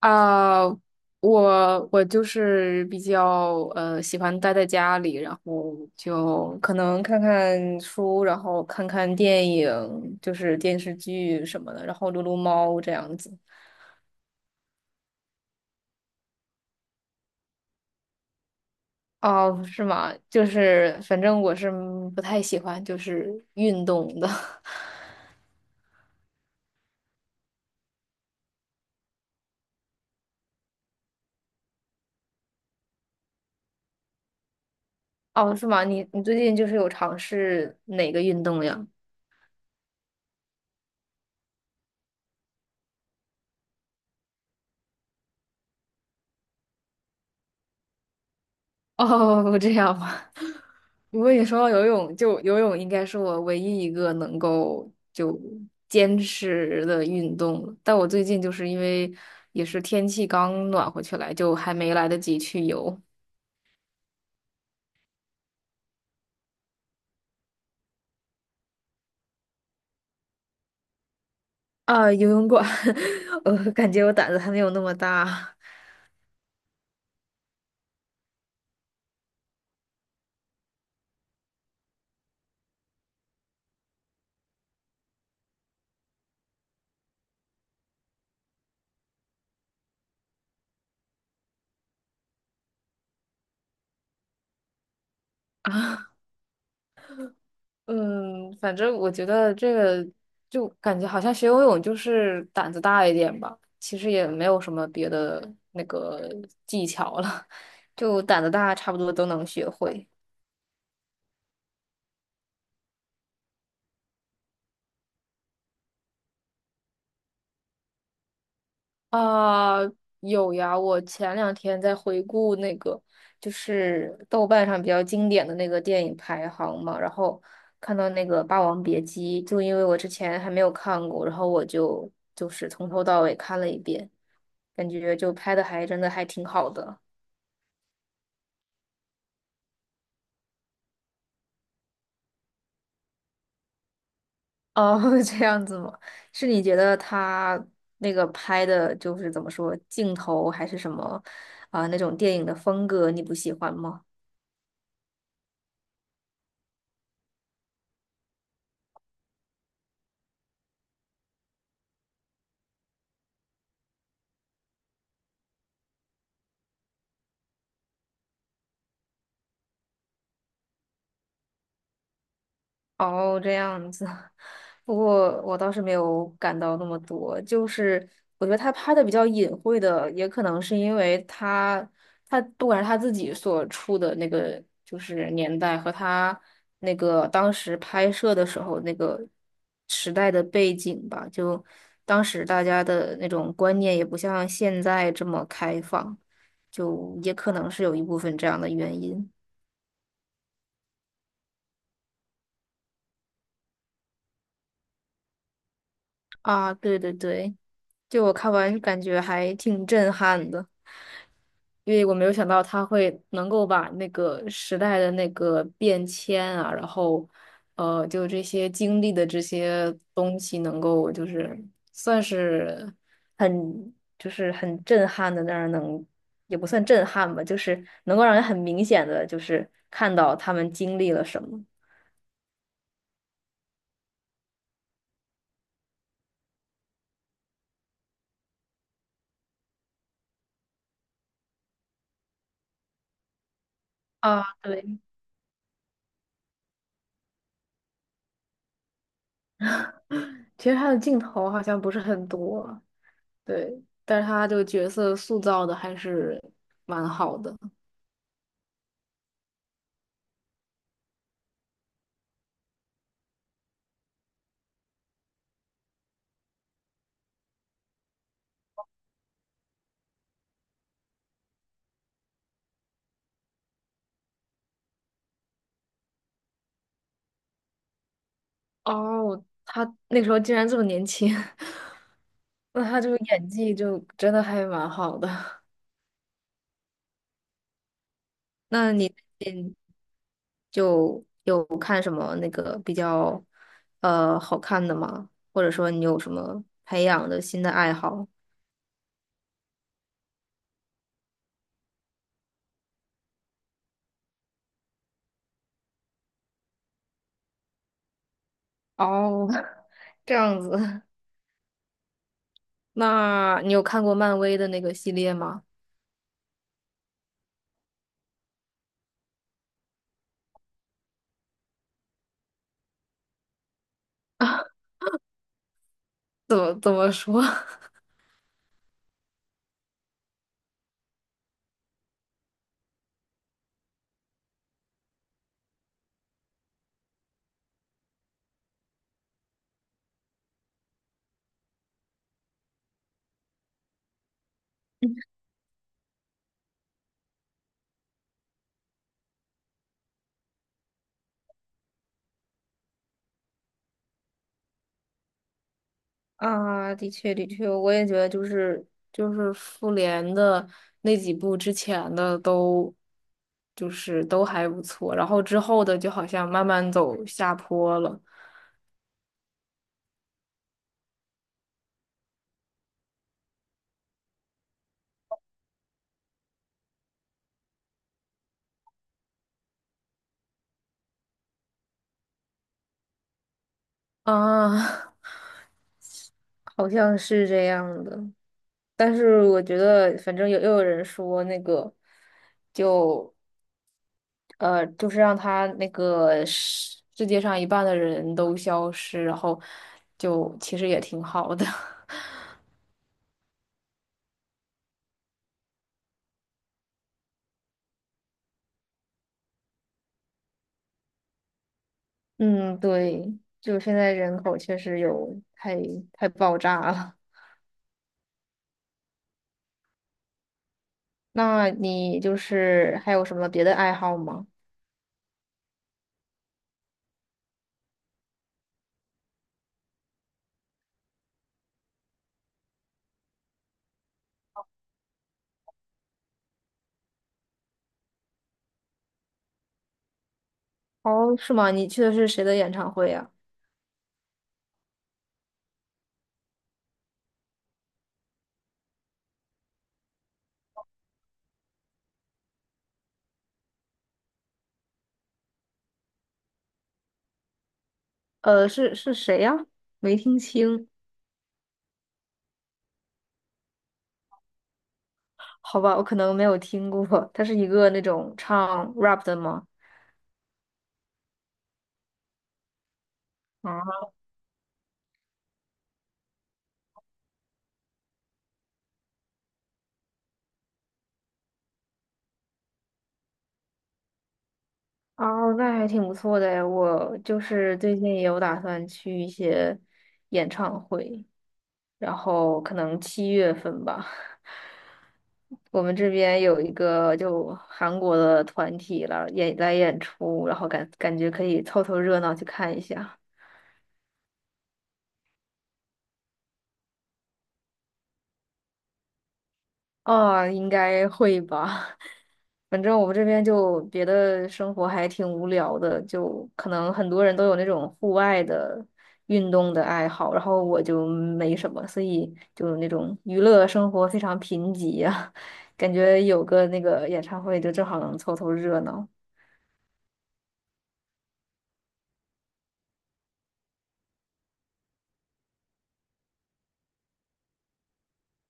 啊，我就是比较喜欢待在家里，然后就可能看看书，然后看看电影，就是电视剧什么的，然后撸撸猫这样子。哦，是吗？就是反正我是不太喜欢就是运动的。哦，是吗？你最近就是有尝试哪个运动呀？哦，这样吗？我果你说到游泳，就游泳应该是我唯一一个能够就坚持的运动了。但我最近就是因为也是天气刚暖和起来，就还没来得及去游啊，游泳馆，我感觉我胆子还没有那么大啊。嗯，反正我觉得这个就感觉好像学游泳就是胆子大一点吧，其实也没有什么别的那个技巧了，就胆子大，差不多都能学会。啊，有呀，我前两天在回顾那个，就是豆瓣上比较经典的那个电影排行嘛，然后看到那个《霸王别姬》，就因为我之前还没有看过，然后我就从头到尾看了一遍，感觉就拍的还真的还挺好的。哦，这样子吗？是你觉得他那个拍的就是怎么说，镜头还是什么啊，那种电影的风格你不喜欢吗？哦，这样子。不过我倒是没有感到那么多，就是我觉得他拍的比较隐晦的，也可能是因为他不管是他自己所处的那个就是年代和他那个当时拍摄的时候那个时代的背景吧，就当时大家的那种观念也不像现在这么开放，就也可能是有一部分这样的原因。啊，对对对，就我看完感觉还挺震撼的，因为我没有想到他会能够把那个时代的那个变迁啊，然后就这些经历的这些东西，能够就是算是很就是很震撼的那儿能，也不算震撼吧，就是能够让人很明显的就是看到他们经历了什么。啊，对，其实他的镜头好像不是很多。对，但是他这个角色塑造的还是蛮好的。哦，他那时候竟然这么年轻。那他这个演技就真的还蛮好的。那你最近就有看什么那个比较好看的吗？或者说你有什么培养的新的爱好？哦，这样子。那你有看过漫威的那个系列吗？怎么说？啊，的确，的确，我也觉得就是复联的那几部之前的都就是都还不错，然后之后的就好像慢慢走下坡了啊。好像是这样的。但是我觉得，反正有人说那个，就就是让他那个世界上一半的人都消失，然后就其实也挺好的。嗯，对，就现在人口确实太爆炸了。那你就是还有什么别的爱好吗？哦，是吗？你去的是谁的演唱会呀？是谁呀？没听清。好吧，我可能没有听过。他是一个那种唱 rap 的吗？啊，哦，那还挺不错的诶。我就是最近也有打算去一些演唱会。然后可能七月份吧。我们这边有一个就韩国的团体了，演来演出，然后感觉可以凑凑热闹去看一下。哦，应该会吧。反正我们这边就别的生活还挺无聊的，就可能很多人都有那种户外的运动的爱好，然后我就没什么，所以就那种娱乐生活非常贫瘠呀、感觉有个那个演唱会就正好能凑凑热闹。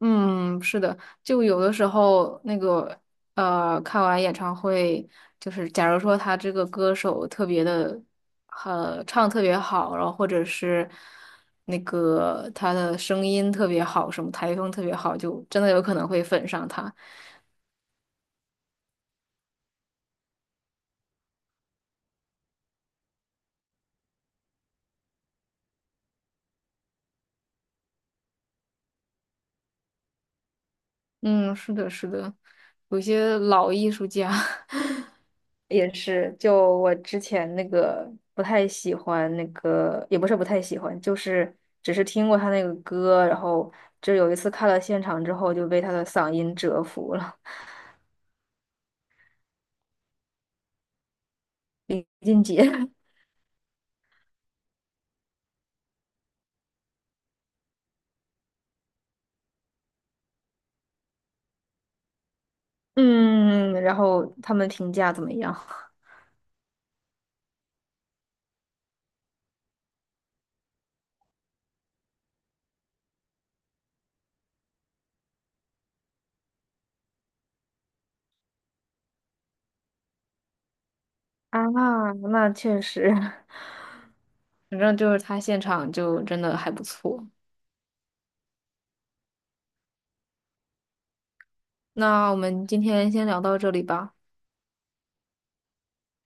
嗯，是的，就有的时候那个看完演唱会，就是假如说他这个歌手特别的，唱特别好，然后或者是那个他的声音特别好，什么台风特别好，就真的有可能会粉上他。嗯，是的，是的，有些老艺术家 也是，就我之前那个不太喜欢那个，也不是不太喜欢，就是只是听过他那个歌，然后就有一次看了现场之后就被他的嗓音折服了，李俊杰。嗯，然后他们评价怎么样？啊，那确实。反正就是他现场就真的还不错。那我们今天先聊到这里吧。